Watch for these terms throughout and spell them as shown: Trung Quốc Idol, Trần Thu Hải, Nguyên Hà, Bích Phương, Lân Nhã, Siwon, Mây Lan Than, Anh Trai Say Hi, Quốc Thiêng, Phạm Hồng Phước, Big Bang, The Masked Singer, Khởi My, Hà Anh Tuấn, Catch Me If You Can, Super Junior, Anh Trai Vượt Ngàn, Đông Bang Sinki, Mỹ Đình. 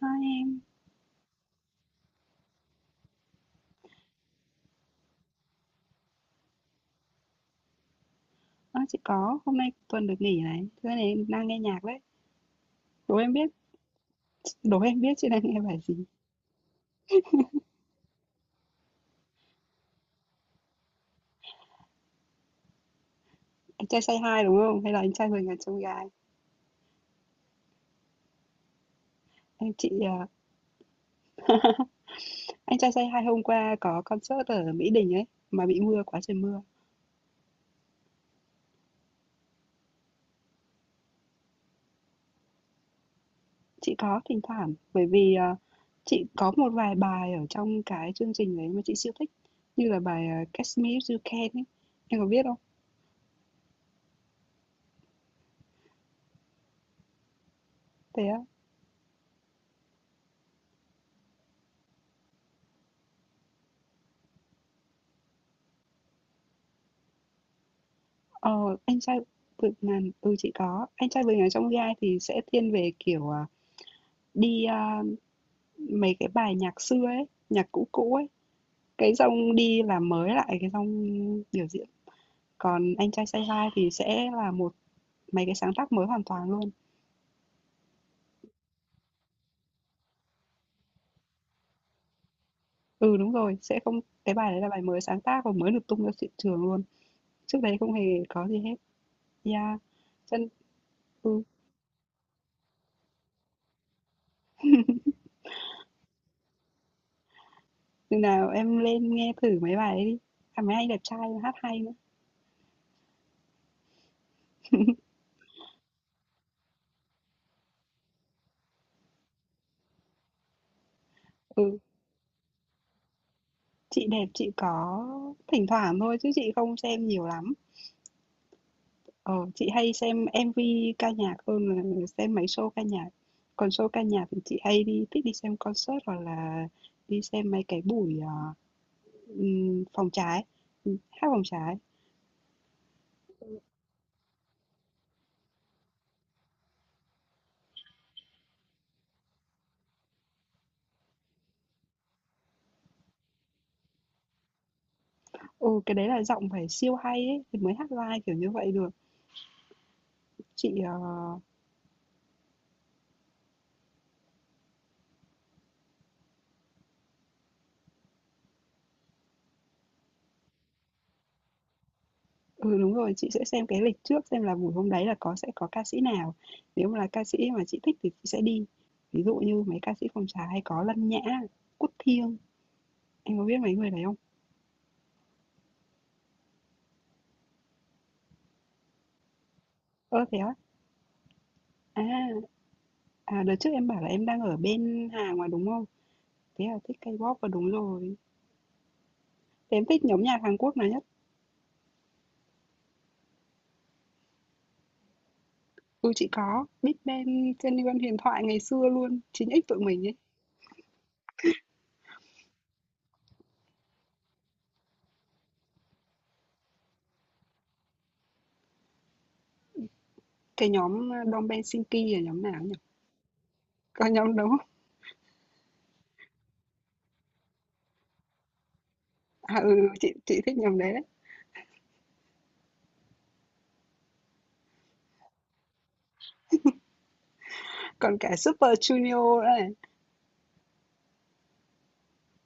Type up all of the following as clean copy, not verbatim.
Hai em, chị có, hôm nay tuần được nghỉ này, thế này em đang nghe nhạc đấy. Đố em biết, đố em biết chị đang nghe bài gì? Anh trai say hi đúng không? Hay là anh trai mười ngàn chông gai? Em chị, à, anh trai say hi hôm qua có concert ở Mỹ Đình ấy, mà bị mưa quá trời mưa. Chị có thỉnh thoảng, chị có một vài bài ở trong cái chương trình đấy mà chị siêu thích, như là bài Catch Me If You Can ấy. Em có biết không? Thế Ờ, anh trai vượt ngàn ừ, chị có. Anh trai vượt ngàn trong vi ai thì sẽ thiên về kiểu đi à, mấy cái bài nhạc xưa ấy, nhạc cũ cũ ấy. Cái dòng đi làm mới lại cái dòng biểu diễn. Còn anh trai say hi thì sẽ là một mấy cái sáng tác mới hoàn toàn luôn. Ừ đúng rồi, sẽ không cái bài đấy là bài mới sáng tác và mới được tung ra thị trường luôn. Trước đấy không hề có gì hết. Yeah. Chân ừ, chừng nào em lên nghe thử mấy bài đấy đi. À, mấy anh đẹp trai hát hay nữa. Ừ. Chị đẹp chị có thỉnh thoảng thôi chứ chị không xem nhiều lắm. Ờ, chị hay xem MV ca nhạc hơn là xem mấy show ca nhạc. Còn show ca nhạc thì chị hay đi thích đi xem concert hoặc là đi xem mấy cái buổi phòng trái. Ừ, hát phòng trái. Ừ, cái đấy là giọng phải siêu hay ấy thì mới hát live kiểu như vậy được. Chị ờ, Ừ, đúng rồi, chị sẽ xem cái lịch trước xem là buổi hôm đấy là sẽ có ca sĩ nào. Nếu mà là ca sĩ mà chị thích thì chị sẽ đi. Ví dụ như mấy ca sĩ phòng trà hay có Lân Nhã, Quốc Thiêng, em có biết mấy người đấy không? Ơ thế á? À, à đợt trước em bảo là em đang ở bên Hàn mà đúng không? Thế là thích K-pop và đúng rồi. Thế em thích nhóm nhạc Hàn Quốc nào nhất? Ừ chị có, Big Bang trên Liên Hoan Huyền Thoại ngày xưa luôn, 9X tụi mình ấy. Cái nhóm Đông Bang Sinki là nhóm nào nhỉ? Có nhóm đúng không? À ừ, chị thích nhóm đấy. Còn cả Super Junior nữa này,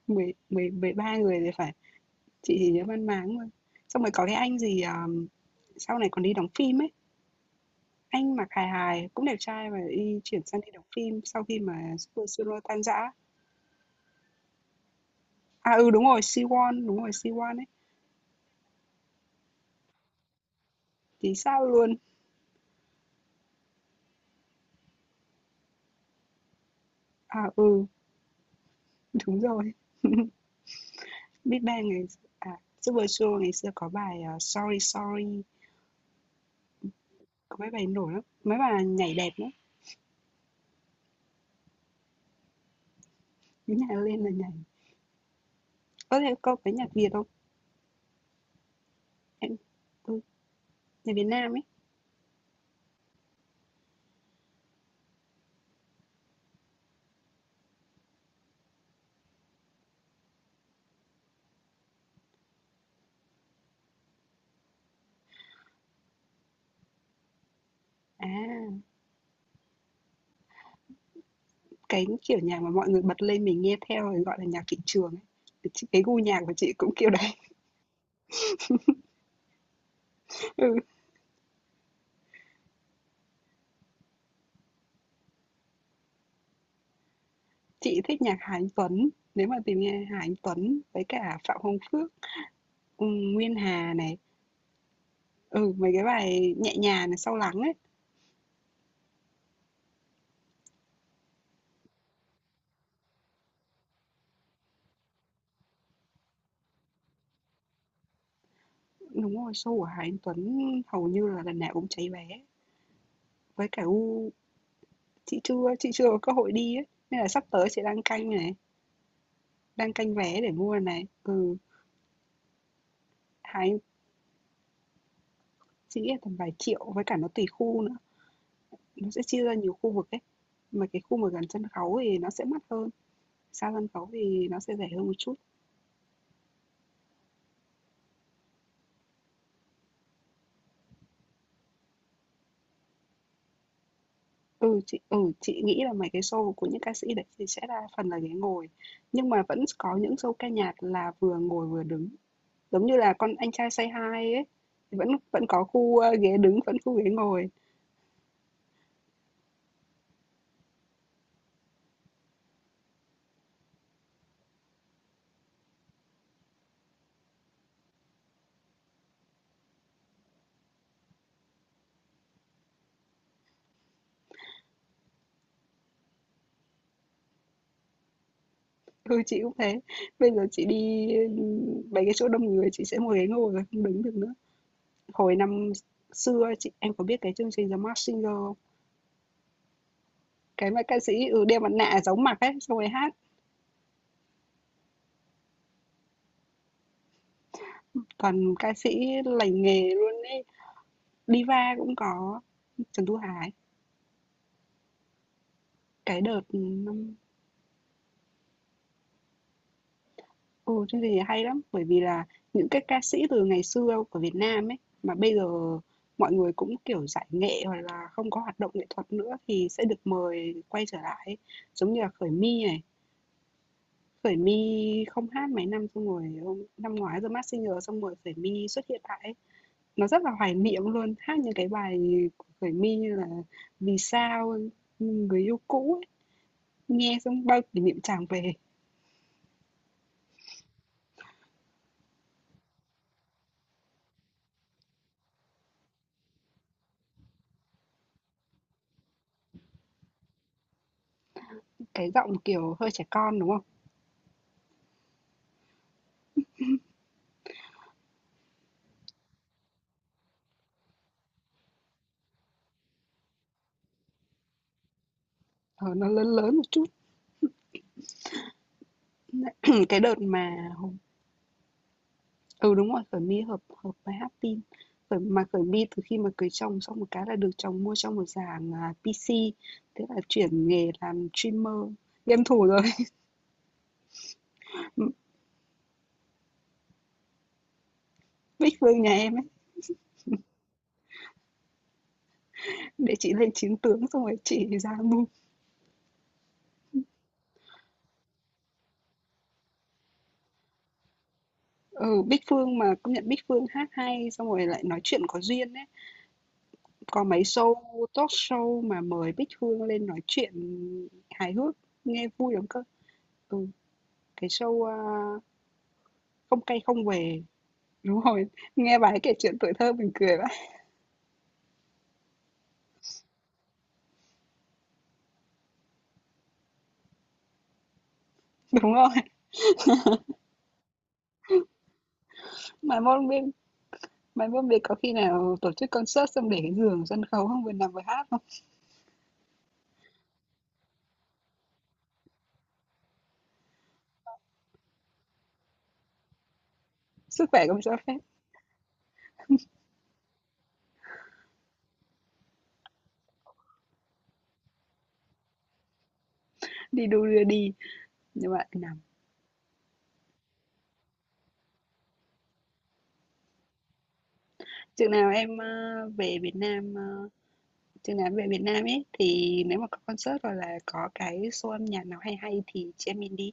mười mười 13 người thì phải, chị chỉ nhớ mang máng thôi. Xong rồi có cái anh gì, sau này còn đi đóng phim ấy, anh mặc hài hài, cũng đẹp trai và đi chuyển sang đi đóng phim sau khi mà Super Junior tan rã. À, đúng rồi Siwon ấy, thì sao luôn. À ừ, đúng rồi. Big Bang ngày à Super Junior ngày xưa có bài Sorry Sorry, có mấy bài nổi lắm, mấy bài nhảy đẹp lắm, cứ nhảy lên là nhảy. Có thể có cái nhạc Việt không? Em tôi Nhạc Việt Nam ấy? À, cái, kiểu, nhạc mà mọi người bật lên mình nghe theo rồi gọi là nhạc thị trường ấy. Thì cái gu nhạc của chị cũng kiểu đấy. Ừ, chị thích nhạc Hà Anh Tuấn, nếu mà tìm nghe Hà Anh Tuấn với cả Phạm Hồng Phước, Nguyên Hà này, ừ, mấy cái bài nhẹ nhàng này, Sâu lắng ấy. Đúng rồi, show của Hà Anh Tuấn hầu như là lần nào cũng cháy vé. Với cả gu chị chưa có cơ hội đi ấy, nên là sắp tới chị đang canh này, đang canh vé để mua này. Ừ, Hà Anh Chị nghĩ là tầm vài triệu với cả nó tùy khu nữa. Nó sẽ chia ra nhiều khu vực ấy, mà cái khu mà gần sân khấu thì nó sẽ mắc hơn, xa sân khấu thì nó sẽ rẻ hơn một chút. Chị nghĩ là mấy cái show của những ca sĩ đấy thì sẽ đa phần là ghế ngồi, nhưng mà vẫn có những show ca nhạc là vừa ngồi vừa đứng, giống như là con Anh Trai Say Hi ấy, thì vẫn vẫn có khu, ơ, ghế đứng, vẫn khu ghế ngồi. Ừ, chị cũng thế, bây giờ chị đi, mấy cái chỗ đông người chị sẽ ngồi ghế ngồi rồi không đứng được nữa. Hồi năm xưa chị em có biết cái chương trình The Masked Singer không? Cái mà ca sĩ, ừ, đeo mặt nạ giấu mặt ấy, xong rồi hát. Còn ca sĩ lành nghề luôn ấy, diva cũng có Trần Thu Hải. Cái đợt ừ, năm ừ, chương trình này hay lắm, bởi vì là những cái ca sĩ từ ngày xưa của Việt Nam ấy mà bây giờ mọi người cũng kiểu giải nghệ hoặc là không có hoạt động nghệ thuật nữa thì sẽ được mời quay trở lại ấy. Giống như là Khởi My này, Khởi My không hát mấy năm xong rồi năm ngoái The Masked Singer xong rồi Khởi My xuất hiện lại ấy. Nó rất là hoài niệm luôn, hát những cái bài của Khởi My như là "Vì sao", ừ, "Người yêu cũ" ấy, nghe xong bao kỷ niệm tràn về. Cái giọng, kiểu, hơi trẻ con, đúng không? Ờ, nó lớn lớn một chút. Cái đợt mà ừ, đúng rồi, Khởi My hợp hợp với Hát tin mà Khởi My từ khi mà cưới chồng xong một cái là được chồng mua cho một dàn PC, thế là chuyển nghề làm streamer, game thủ rồi. Ừm, Bích Phương nhà em ấy, để chị lên chiến tướng xong rồi chị ra mua. Ừ, Bích Phương mà công nhận Bích Phương hát hay xong rồi lại nói chuyện có duyên ấy. Có mấy talk show mà mời Bích Phương lên nói chuyện hài hước nghe vui lắm cơ. Ừ, cái show à, không cay không về. Đúng rồi, nghe bà ấy kể chuyện tuổi thơ mình cười vậy. Đúng rồi. Mà môn bên mà môn bên có khi nào tổ chức concert xong để cái giường sân khấu không vừa nằm vừa hát không? Sức khỏe không cho phép đi đu đưa đi nhưng mà nằm. Chừng nào em à, về Việt Nam à, Chứ nói về Việt Nam ấy thì nếu mà có concert hoặc là có cái show âm nhạc nào hay hay thì chị em mình đi.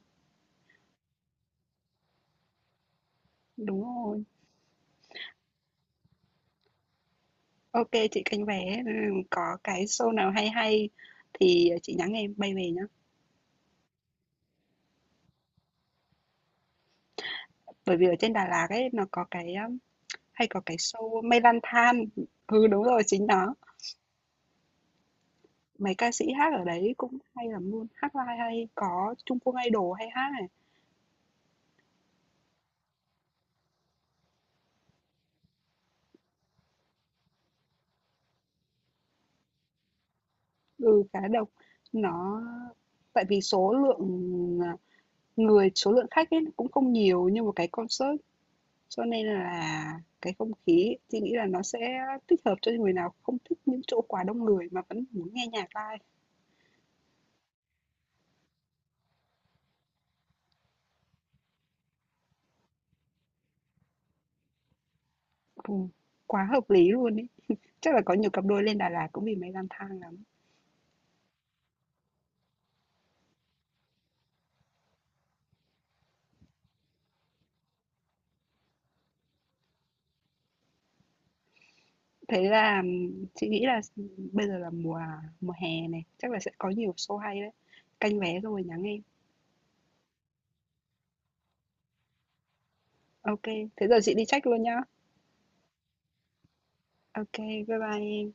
Đúng rồi. Ok chị canh vé, ừ, có cái show nào hay hay thì chị nhắn em bay về nhá. Bởi vì ở trên Đà Lạt ấy nó có cái hay có cái show Mây Lan Than. Ừ đúng rồi chính nó. Mấy ca sĩ hát ở đấy cũng hay lắm luôn, hát live hay, có Trung Quốc Idol hay hát này. Ừ cá độc nó Tại vì số à, người số lượng khách ấy cũng không nhiều như một cái concert. Cho nên là cái không khí chị nghĩ là nó sẽ thích hợp cho người nào không thích những chỗ quá đông người mà vẫn muốn nghe nhạc live. Ừ, quá hợp lý luôn ấy. Chắc là có nhiều cặp đôi lên Đà Lạt cũng vì máy lang thang lắm. Thế là chị nghĩ là bây giờ là mùa mùa hè này, chắc là sẽ có nhiều show hay đấy. Canh vé rồi nhắn em. Ok, thế giờ chị đi check luôn nhá. Ok, bye bye em.